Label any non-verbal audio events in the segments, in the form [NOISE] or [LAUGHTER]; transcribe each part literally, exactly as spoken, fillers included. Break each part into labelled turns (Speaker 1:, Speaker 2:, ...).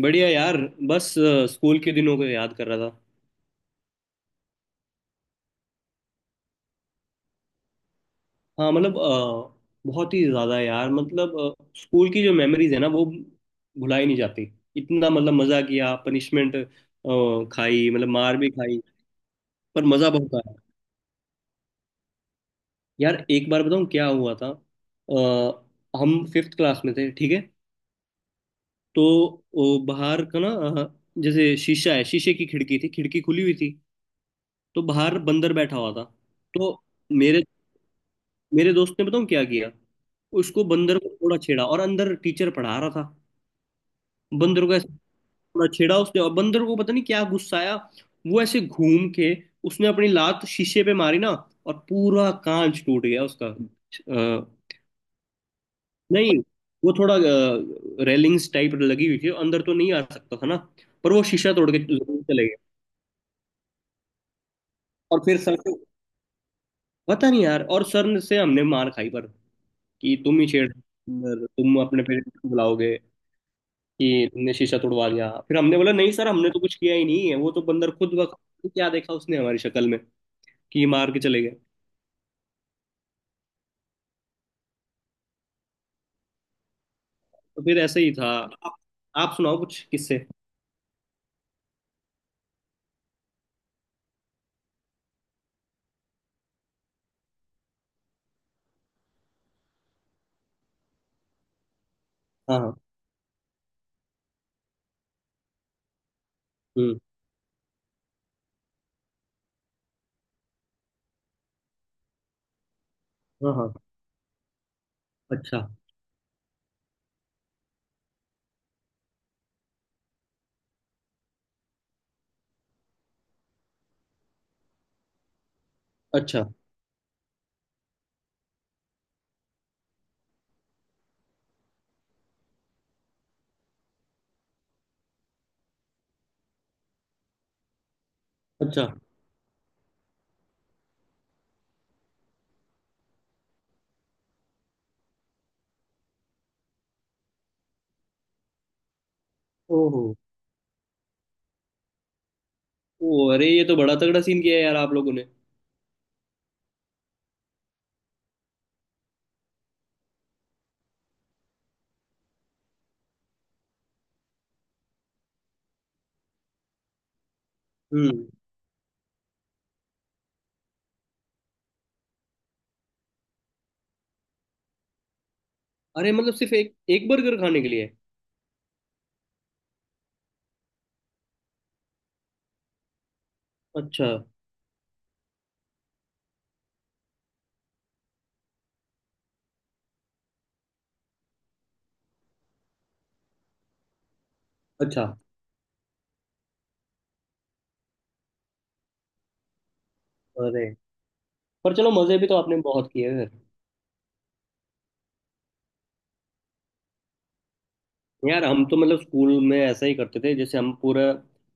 Speaker 1: बढ़िया यार। बस अ, स्कूल के दिनों को याद कर रहा था। हाँ, मतलब अ, बहुत ही ज्यादा यार, मतलब अ, स्कूल की जो मेमोरीज है ना वो भुलाई नहीं जाती। इतना मतलब मजा किया, पनिशमेंट खाई, मतलब मार भी खाई पर मजा बहुत आया। यार, एक बार बताऊँ क्या हुआ था। अ, हम फिफ्थ क्लास में थे, ठीक है। तो ओ, बाहर का ना, अ, जैसे शीशा है, शीशे की खिड़की थी, खिड़की खुली हुई थी तो बाहर बंदर बैठा हुआ था। तो मेरे मेरे दोस्त ने, बताऊँ क्या किया। उसको बंदर को थोड़ा छेड़ा और अंदर टीचर पढ़ा रहा था। बंदर को ऐसे थोड़ा छेड़ा उसने और बंदर को पता नहीं क्या गुस्सा आया, वो ऐसे घूम के उसने अपनी लात शीशे पे मारी ना और पूरा कांच टूट गया उसका अ, नहीं, वो थोड़ा रेलिंग्स टाइप लगी हुई थी अंदर, तो नहीं आ सकता था ना। पर वो शीशा तोड़ के जरूर चले गए। और फिर सर से, पता नहीं यार, और सर से हमने मार खाई पर, कि तुम ही छेड़, तुम अपने पेरेंट्स को बुलाओगे, कि तुमने शीशा तोड़वा दिया। फिर हमने बोला नहीं सर, हमने तो कुछ किया ही नहीं है, वो तो बंदर खुद बखुद क्या देखा उसने हमारी शक्ल में कि मार के चले गए। तो फिर ऐसे ही था। आप, आप सुनाओ कुछ किस्से। हाँ हाँ। हम्म। हाँ हाँ। अच्छा। अच्छा। अच्छा। ओहो। ओ, अरे ये तो बड़ा तगड़ा सीन किया है यार आप लोगों ने। हम्म। अरे मतलब सिर्फ एक एक बर्गर खाने के लिए। अच्छा। अच्छा। अरे। पर चलो, मजे भी तो आपने बहुत किए फिर। यार हम तो मतलब स्कूल में ऐसा ही करते थे, जैसे हम पूरा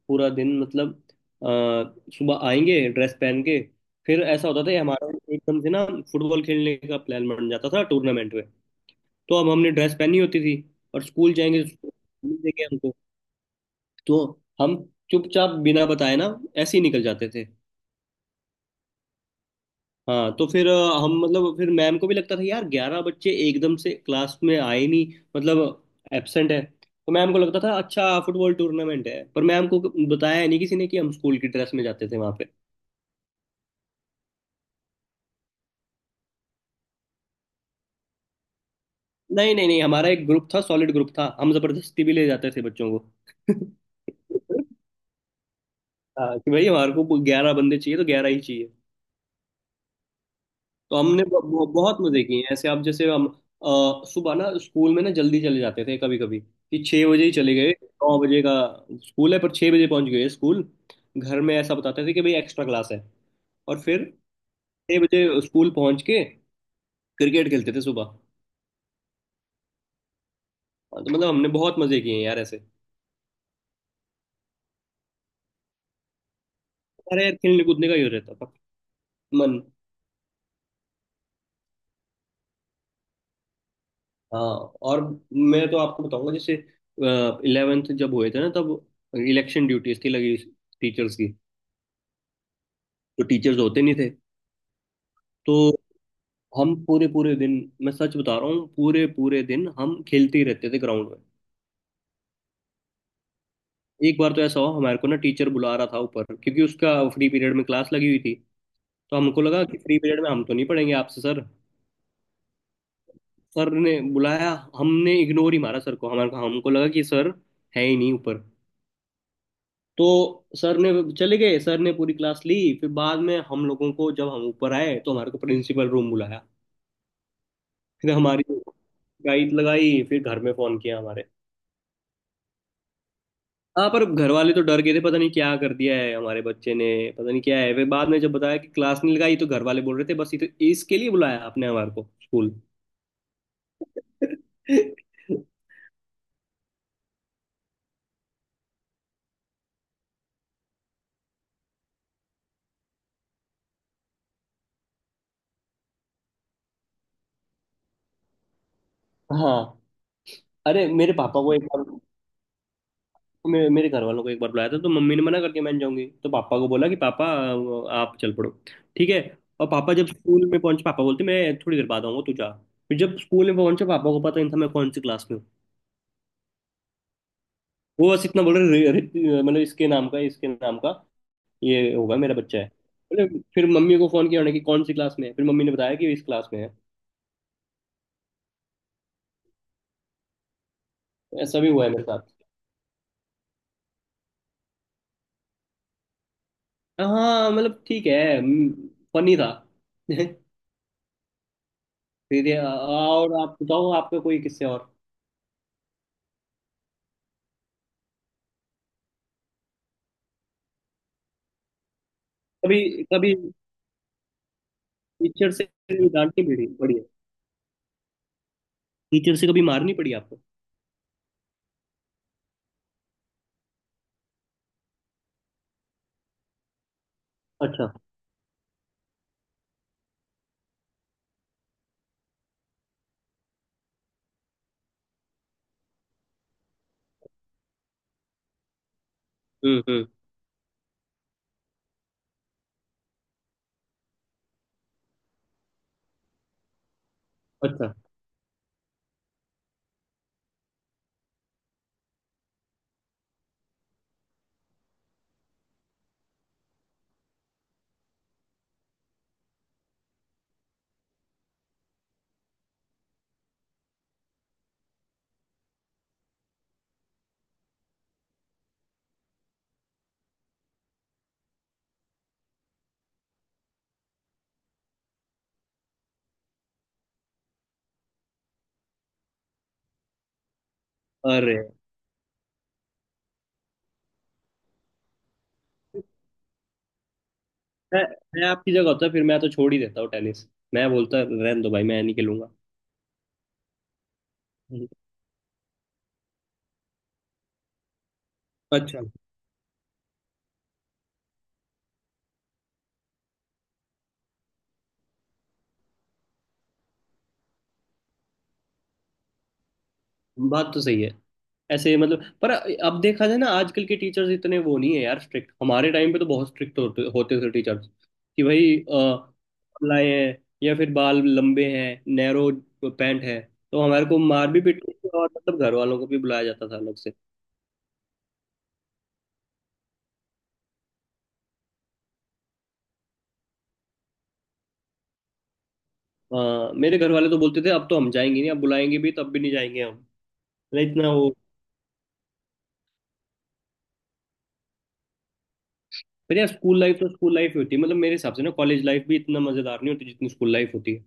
Speaker 1: पूरा दिन मतलब अ, सुबह आएंगे ड्रेस पहन के, फिर ऐसा होता था ये हमारा एकदम से ना, फुटबॉल खेलने का प्लान बन जाता था टूर्नामेंट में। तो अब हमने ड्रेस पहनी होती थी और स्कूल जाएंगे तो स्कूल मिल देंगे हमको। तो हम चुपचाप बिना बताए ना ऐसे ही निकल जाते थे। हाँ, तो फिर अ, हम मतलब, फिर मैम को भी लगता था यार, ग्यारह बच्चे एकदम से क्लास में आए नहीं, मतलब एब्सेंट है, तो मैम को लगता था अच्छा फुटबॉल टूर्नामेंट है। पर मैम को बताया नहीं किसी ने कि हम स्कूल की ड्रेस में जाते थे वहां पे। नहीं नहीं नहीं, हमारा एक ग्रुप था, सॉलिड ग्रुप था, हम जबरदस्ती भी ले जाते थे बच्चों को। [LAUGHS] हाँ, कि भाई हमारे को ग्यारह बंदे चाहिए तो ग्यारह ही चाहिए। तो हमने ब- ब- बहुत मजे किए हैं ऐसे आप जैसे, हम अ, सुबह ना स्कूल में ना जल्दी चले जाते थे कभी कभी, कि छः बजे ही चले गए। नौ बजे का स्कूल है पर छः बजे पहुंच गए स्कूल। घर में ऐसा बताते थे कि भाई एक्स्ट्रा क्लास है। और फिर छः बजे स्कूल पहुंच के क्रिकेट खेलते थे सुबह। हाँ, तो मतलब हमने बहुत मजे किए हैं यार ऐसे। अरे यार खेलने कूदने का ही हो रहता था मन। हाँ। और मैं तो आपको बताऊंगा, जैसे इलेवेंथ जब हुए थे ना तब इलेक्शन ड्यूटीज थी लगी टीचर्स की। तो टीचर्स होते नहीं थे। तो हम पूरे पूरे दिन, मैं सच बता रहा हूँ, पूरे पूरे दिन हम खेलते ही रहते थे ग्राउंड में। एक बार तो ऐसा हुआ हमारे को ना, टीचर बुला रहा था ऊपर क्योंकि उसका फ्री पीरियड में क्लास लगी हुई थी। तो हमको लगा कि फ्री पीरियड में हम तो नहीं पढ़ेंगे आपसे सर। सर ने बुलाया, हमने इग्नोर ही मारा सर को, हमारे हमको लगा कि सर है ही नहीं ऊपर। तो सर ने, चले गए, सर ने पूरी क्लास ली। फिर बाद में हम लोगों को, जब हम ऊपर आए तो हमारे को प्रिंसिपल रूम बुलाया। फिर हमारी गाइड लगाई, फिर घर में फोन किया हमारे। हाँ पर घर वाले तो डर गए थे, पता नहीं क्या कर दिया है हमारे बच्चे ने, पता नहीं क्या है। वे बाद में जब बताया कि क्लास नहीं लगाई तो घर वाले बोल रहे थे बस ये तो, इसके लिए बुलाया आपने हमारे को स्कूल। [LAUGHS] हाँ। अरे मेरे पापा को एक बार, मे, मेरे घर वालों को एक बार बुलाया था तो मम्मी ने मना कर दिया मैं नहीं जाऊंगी, तो पापा को बोला कि पापा आप चल पड़ो, ठीक है। और पापा जब स्कूल में पहुंचे, पापा बोलते मैं थोड़ी देर बाद आऊंगा तू जा। फिर जब स्कूल में पहुंचे, पापा को पता नहीं था मैं कौन सी क्लास में हूँ। वो बस इतना बोल रहे रे- रे- मतलब इसके नाम का, इसके नाम का ये होगा, मेरा बच्चा है, बोले। फिर मम्मी को फोन किया उन्होंने कि कौन सी क्लास में है, फिर मम्मी ने बताया कि इस क्लास में है। तो ऐसा भी हुआ है मेरे साथ। हाँ मतलब ठीक है, फनी था। [LAUGHS] फिर ये, आ- और आप बताओ आपका कोई किस्से और। कभी कभी टीचर से कभी डांटनी पड़ी पड़ी है। टीचर से कभी मारनी पड़ी आपको। अच्छा। हम्म। हम्म। अच्छा। अरे। मैं मैं आपकी जगह होता फिर मैं तो छोड़ ही देता हूँ टेनिस। मैं बोलता रहने दो भाई मैं नहीं खेलूंगा। अच्छा। बात तो सही है। ऐसे मतलब, पर अब देखा जाए ना आजकल के टीचर्स इतने वो नहीं है यार स्ट्रिक्ट। हमारे टाइम पे तो बहुत स्ट्रिक्ट होते होते थे टीचर्स, कि भाई अ, लाए हैं या फिर बाल लंबे हैं, नैरो पैंट है, तो हमारे को मार भी पीटती थी और मतलब घर वालों को भी बुलाया जाता था अलग से। हाँ मेरे घर वाले तो बोलते थे अब तो हम जाएंगे नहीं, अब बुलाएंगे भी तब भी नहीं जाएंगे हम, मतलब इतना वो। फिर यार स्कूल लाइफ तो स्कूल लाइफ ही होती है, मतलब मेरे हिसाब से ना कॉलेज लाइफ भी इतना मजेदार नहीं होती जितनी स्कूल लाइफ होती है।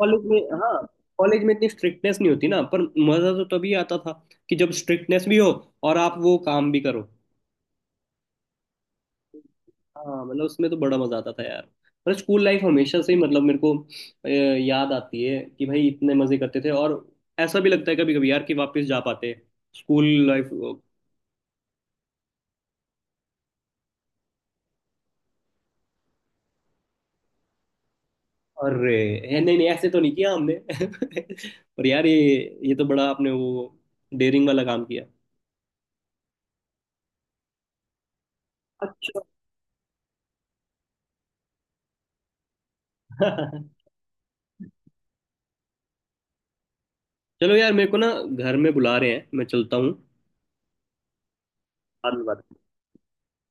Speaker 1: कॉलेज में हाँ, कॉलेज में इतनी स्ट्रिक्टनेस नहीं होती ना, पर मजा तो तभी आता था कि जब स्ट्रिक्टनेस भी हो और आप वो काम भी करो। हाँ मतलब उसमें तो बड़ा मजा आता था यार। पर स्कूल लाइफ हमेशा से ही मतलब मेरे को अ, याद आती है कि भाई इतने मजे करते थे। और ऐसा भी लगता है कभी कभी यार कि वापस जा पाते स्कूल लाइफ। अरे। है, नहीं नहीं ऐसे तो नहीं किया हमने। [LAUGHS] पर यार, ये ये तो बड़ा आपने वो डेयरिंग वाला काम किया। अच्छा। [LAUGHS] चलो यार, मेरे को ना घर में बुला रहे हैं, मैं चलता हूँ। अवरे लय filtrate।